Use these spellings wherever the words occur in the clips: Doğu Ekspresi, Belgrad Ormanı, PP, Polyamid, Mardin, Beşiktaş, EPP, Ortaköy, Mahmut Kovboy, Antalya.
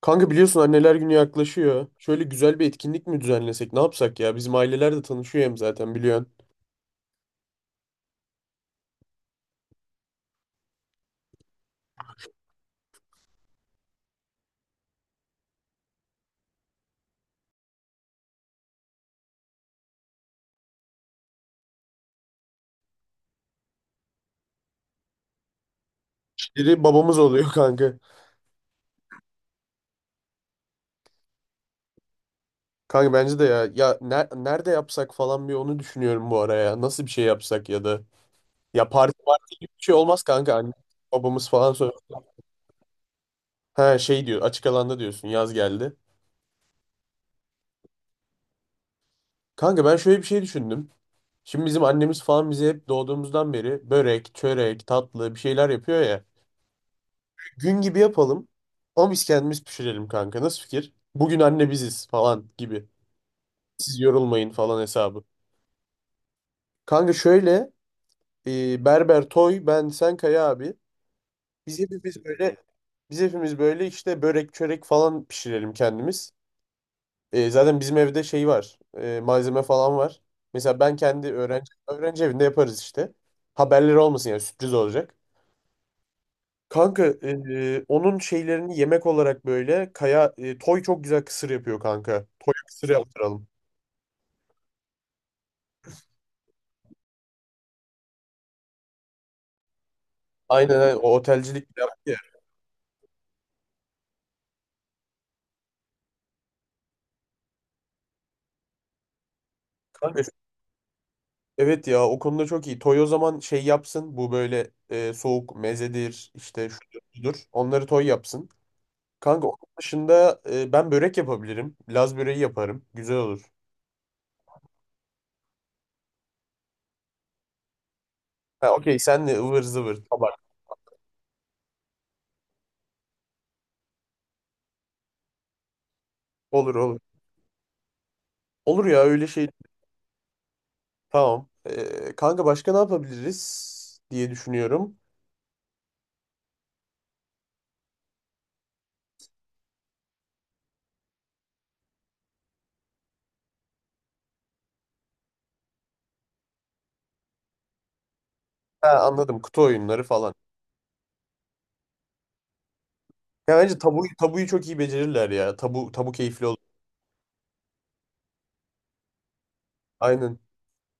Kanka biliyorsun anneler günü yaklaşıyor. Şöyle güzel bir etkinlik mi düzenlesek? Ne yapsak ya? Bizim aileler de tanışıyor hem zaten biliyorsun. Biri babamız oluyor kanka. Kanka bence de ya. Ya nerede yapsak falan bir onu düşünüyorum bu araya. Nasıl bir şey yapsak ya da. Ya parti parti gibi bir şey olmaz kanka. Anne, babamız falan sonra. Ha şey diyor, açık alanda diyorsun, yaz geldi. Kanka ben şöyle bir şey düşündüm. Şimdi bizim annemiz falan bize hep doğduğumuzdan beri börek, çörek, tatlı bir şeyler yapıyor ya. Gün gibi yapalım. Ama biz kendimiz pişirelim kanka. Nasıl fikir? Bugün anne biziz falan gibi. Siz yorulmayın falan hesabı. Kanka şöyle Berber Toy ben sen Kaya abi. Biz hepimiz böyle biz hepimiz böyle işte börek çörek falan pişirelim kendimiz. Zaten bizim evde şey var. Malzeme falan var. Mesela ben kendi öğrenci evinde yaparız işte. Haberleri olmasın, yani sürpriz olacak. Kanka onun şeylerini yemek olarak böyle Kaya, Toy çok güzel kısır yapıyor kanka. Toy'a kısır yaptıralım. Aynen aynen, o otelcilik bir yaptı ya. Kanka evet ya, o konuda çok iyi. Toy o zaman şey yapsın, bu böyle soğuk mezedir işte, şudur budur. Onları Toy yapsın. Kanka onun dışında ben börek yapabilirim. Laz böreği yaparım. Güzel olur. Ha okey, sen de ıvır zıvır. Olur olur. Olur ya öyle şey. Tamam. Kanka başka ne yapabiliriz diye düşünüyorum. Ha anladım. Kutu oyunları falan. Ya bence tabu, tabuyu çok iyi becerirler ya. Tabu tabu keyifli olur. Aynen.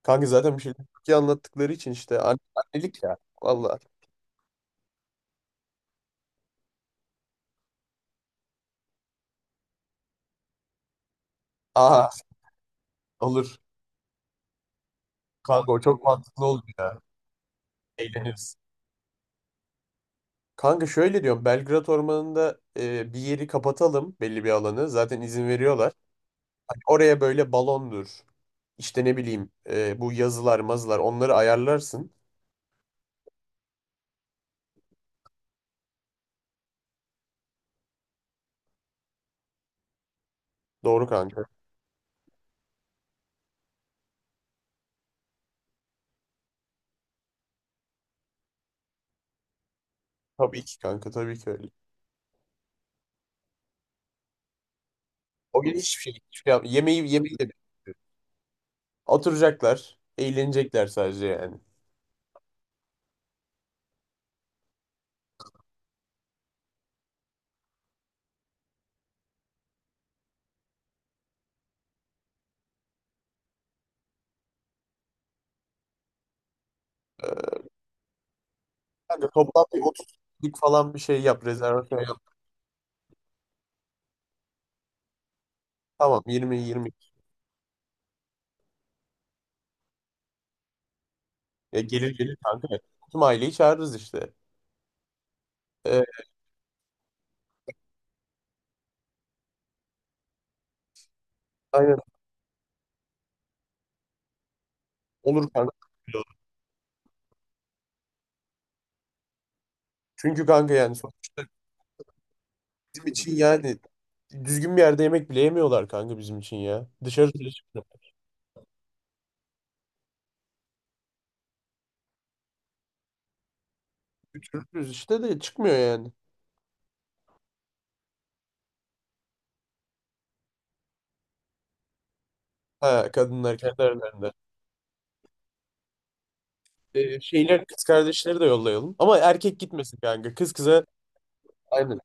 Kanka zaten bir şeyler çok iyi anlattıkları için işte annelik ya. Vallahi. Aa olur. Kanka o çok mantıklı oldu ya. Eğleniriz. Kanka şöyle diyorum. Belgrad Ormanı'nda bir yeri kapatalım, belli bir alanı. Zaten izin veriyorlar. Hani oraya böyle balondur. İşte ne bileyim bu yazılar mazılar, onları ayarlarsın. Doğru kanka. Tabii ki kanka, tabii ki öyle. O gün hiçbir şey, hiçbir şey yemeği de oturacaklar. Eğlenecekler sadece yani. Ee, Kanka toplam bir 30 kişilik falan bir şey yap. Rezervasyon yap. Tamam 20 20. Ya gelir gelir kanka. Tüm aileyi çağırırız işte. Ee, aynen olur kanka. Çünkü kanka yani bizim için yani düzgün bir yerde yemek bile yemiyorlar kanka bizim için ya. Dışarı çıkıyoruz, işte de çıkmıyor yani. Ha, kadınlar kendi aralarında. Şeyler, kız kardeşleri de yollayalım. Ama erkek gitmesin kanka. Kız kıza, aynen,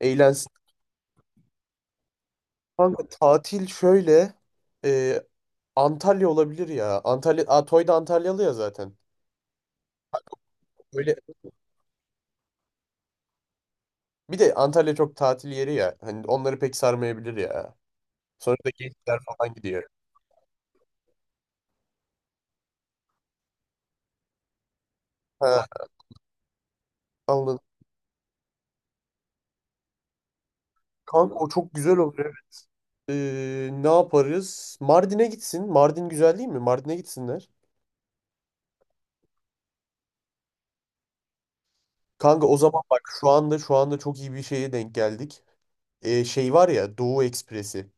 eğlensin. Kanka tatil şöyle e, Antalya olabilir ya. Antalya. Aa, Toy da Antalyalı ya zaten. Böyle bir de Antalya çok tatil yeri ya. Hani onları pek sarmayabilir ya. Sonuçta gençler falan gidiyor. Ha, anladım. Kanka o çok güzel olur. Ne yaparız? Mardin'e gitsin. Mardin güzel değil mi? Mardin'e gitsinler. Kanka o zaman bak, şu anda şu anda çok iyi bir şeye denk geldik. Şey var ya, Doğu Ekspresi.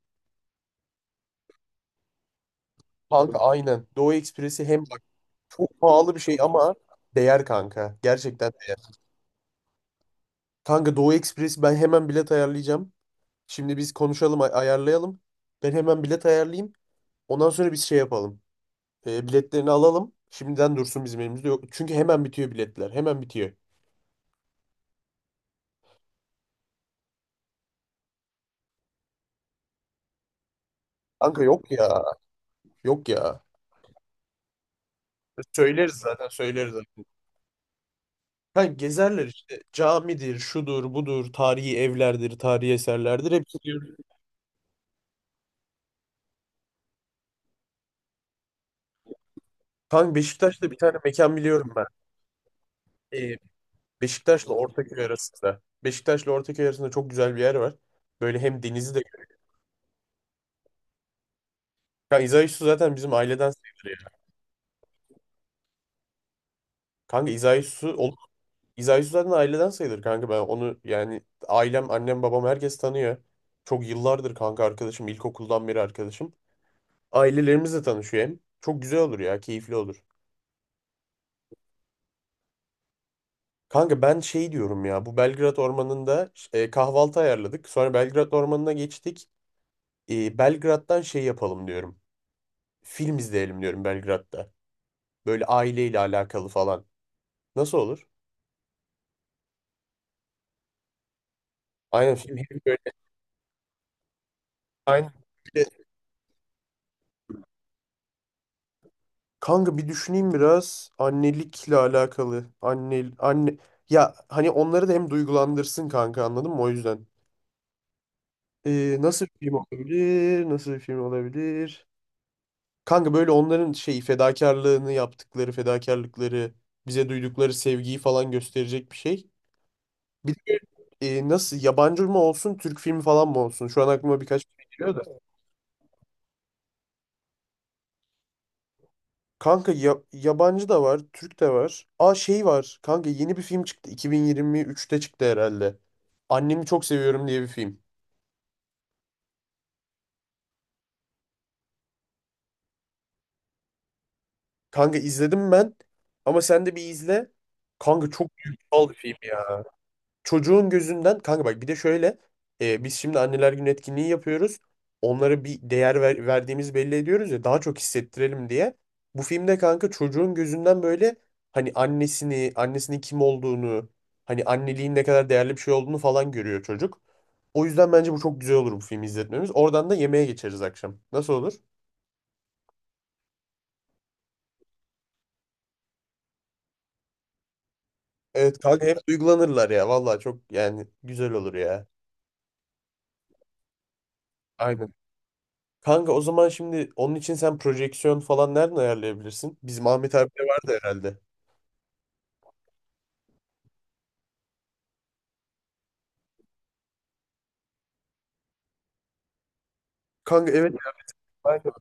Kanka aynen. Doğu Ekspresi, hem bak çok pahalı bir şey ama değer kanka. Gerçekten değer. Kanka Doğu Ekspresi, ben hemen bilet ayarlayacağım. Şimdi biz konuşalım, ayarlayalım. Ben hemen bilet ayarlayayım. Ondan sonra biz şey yapalım. Biletlerini alalım. Şimdiden dursun, bizim elimizde yok. Çünkü hemen bitiyor biletler. Hemen bitiyor. Kanka yok ya. Yok ya. Söyleriz zaten, söyleriz. Ha, gezerler işte, camidir, şudur, budur, tarihi evlerdir, tarihi eserlerdir hepsi diyor. Kanka Beşiktaş'ta bir tane mekan biliyorum ben. Ee, Beşiktaş'la Ortaköy arasında. Beşiktaş'la Ortaköy arasında çok güzel bir yer var. Böyle hem denizi de... Kanka İzayüzü zaten bizim aileden sayılır yani. Kanka İzayüzü... İzayüzü zaten aileden sayılır kanka, ben onu yani ailem, annem, babam herkes tanıyor. Çok yıllardır kanka arkadaşım, ilkokuldan beri arkadaşım. Ailelerimizle tanışıyor hem. Çok güzel olur ya, keyifli olur. Kanka ben şey diyorum ya, bu Belgrad Ormanı'nda kahvaltı ayarladık. Sonra Belgrad Ormanı'na geçtik. E, Belgrad'dan şey yapalım diyorum. Film izleyelim diyorum Belgrad'da. Böyle aileyle alakalı falan. Nasıl olur? Aynen, film hep böyle. Aynen. Bir de... Kanka bir düşüneyim biraz. Annelikle alakalı. Anne, anne. Ya hani onları da hem duygulandırsın kanka, anladın mı, o yüzden. Nasıl bir film olabilir? Nasıl bir film olabilir? Kanka böyle onların şeyi, fedakarlığını, yaptıkları fedakarlıkları, bize duydukları sevgiyi falan gösterecek bir şey. Bir de nasıl, yabancı mı olsun, Türk filmi falan mı olsun? Şu an aklıma birkaç şey geliyor da. Kanka yabancı da var, Türk de var. Aa şey var. Kanka yeni bir film çıktı. 2023'te çıktı herhalde. Annemi çok seviyorum diye bir film. Kanka izledim ben ama sen de bir izle. Kanka çok duygusal bir film. Çocuğun gözünden kanka bak, bir de şöyle biz şimdi anneler günü etkinliği yapıyoruz. Onlara bir değer verdiğimizi belli ediyoruz ya, daha çok hissettirelim diye. Bu filmde kanka çocuğun gözünden böyle hani annesini, annesinin kim olduğunu, hani anneliğin ne kadar değerli bir şey olduğunu falan görüyor çocuk. O yüzden bence bu çok güzel olur, bu filmi izletmemiz. Oradan da yemeğe geçeriz akşam. Nasıl olur? Evet kanka, hep duygulanırlar ya. Vallahi çok yani, güzel olur ya. Aynen. Kanka o zaman şimdi onun için sen projeksiyon falan nereden ayarlayabilirsin? Bizim Ahmet abi de vardı herhalde. Kanka evet. Ya, ben-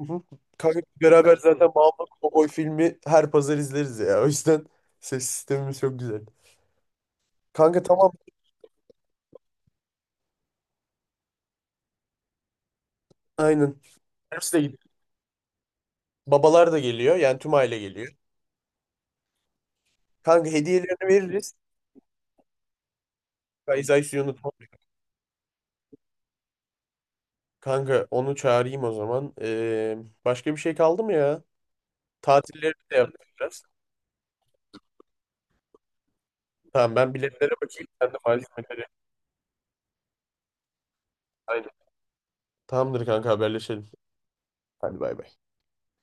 hı hı. Kanka beraber zaten Mahmut Kovboy filmi her pazar izleriz ya. O yüzden ses sistemimiz çok güzel. Kanka tamam. Aynen. Hepsi de gidiyor. Babalar da geliyor. Yani tüm aile geliyor. Kanka hediyelerini veririz. Kaiser unutma. Kanka onu çağırayım o zaman. Başka bir şey kaldı mı ya? Tatilleri de yapacağız. Tamam ben biletlere bakayım. Sen de malzemeleri. Aynen. Tamamdır kanka, haberleşelim. Hadi bay bay.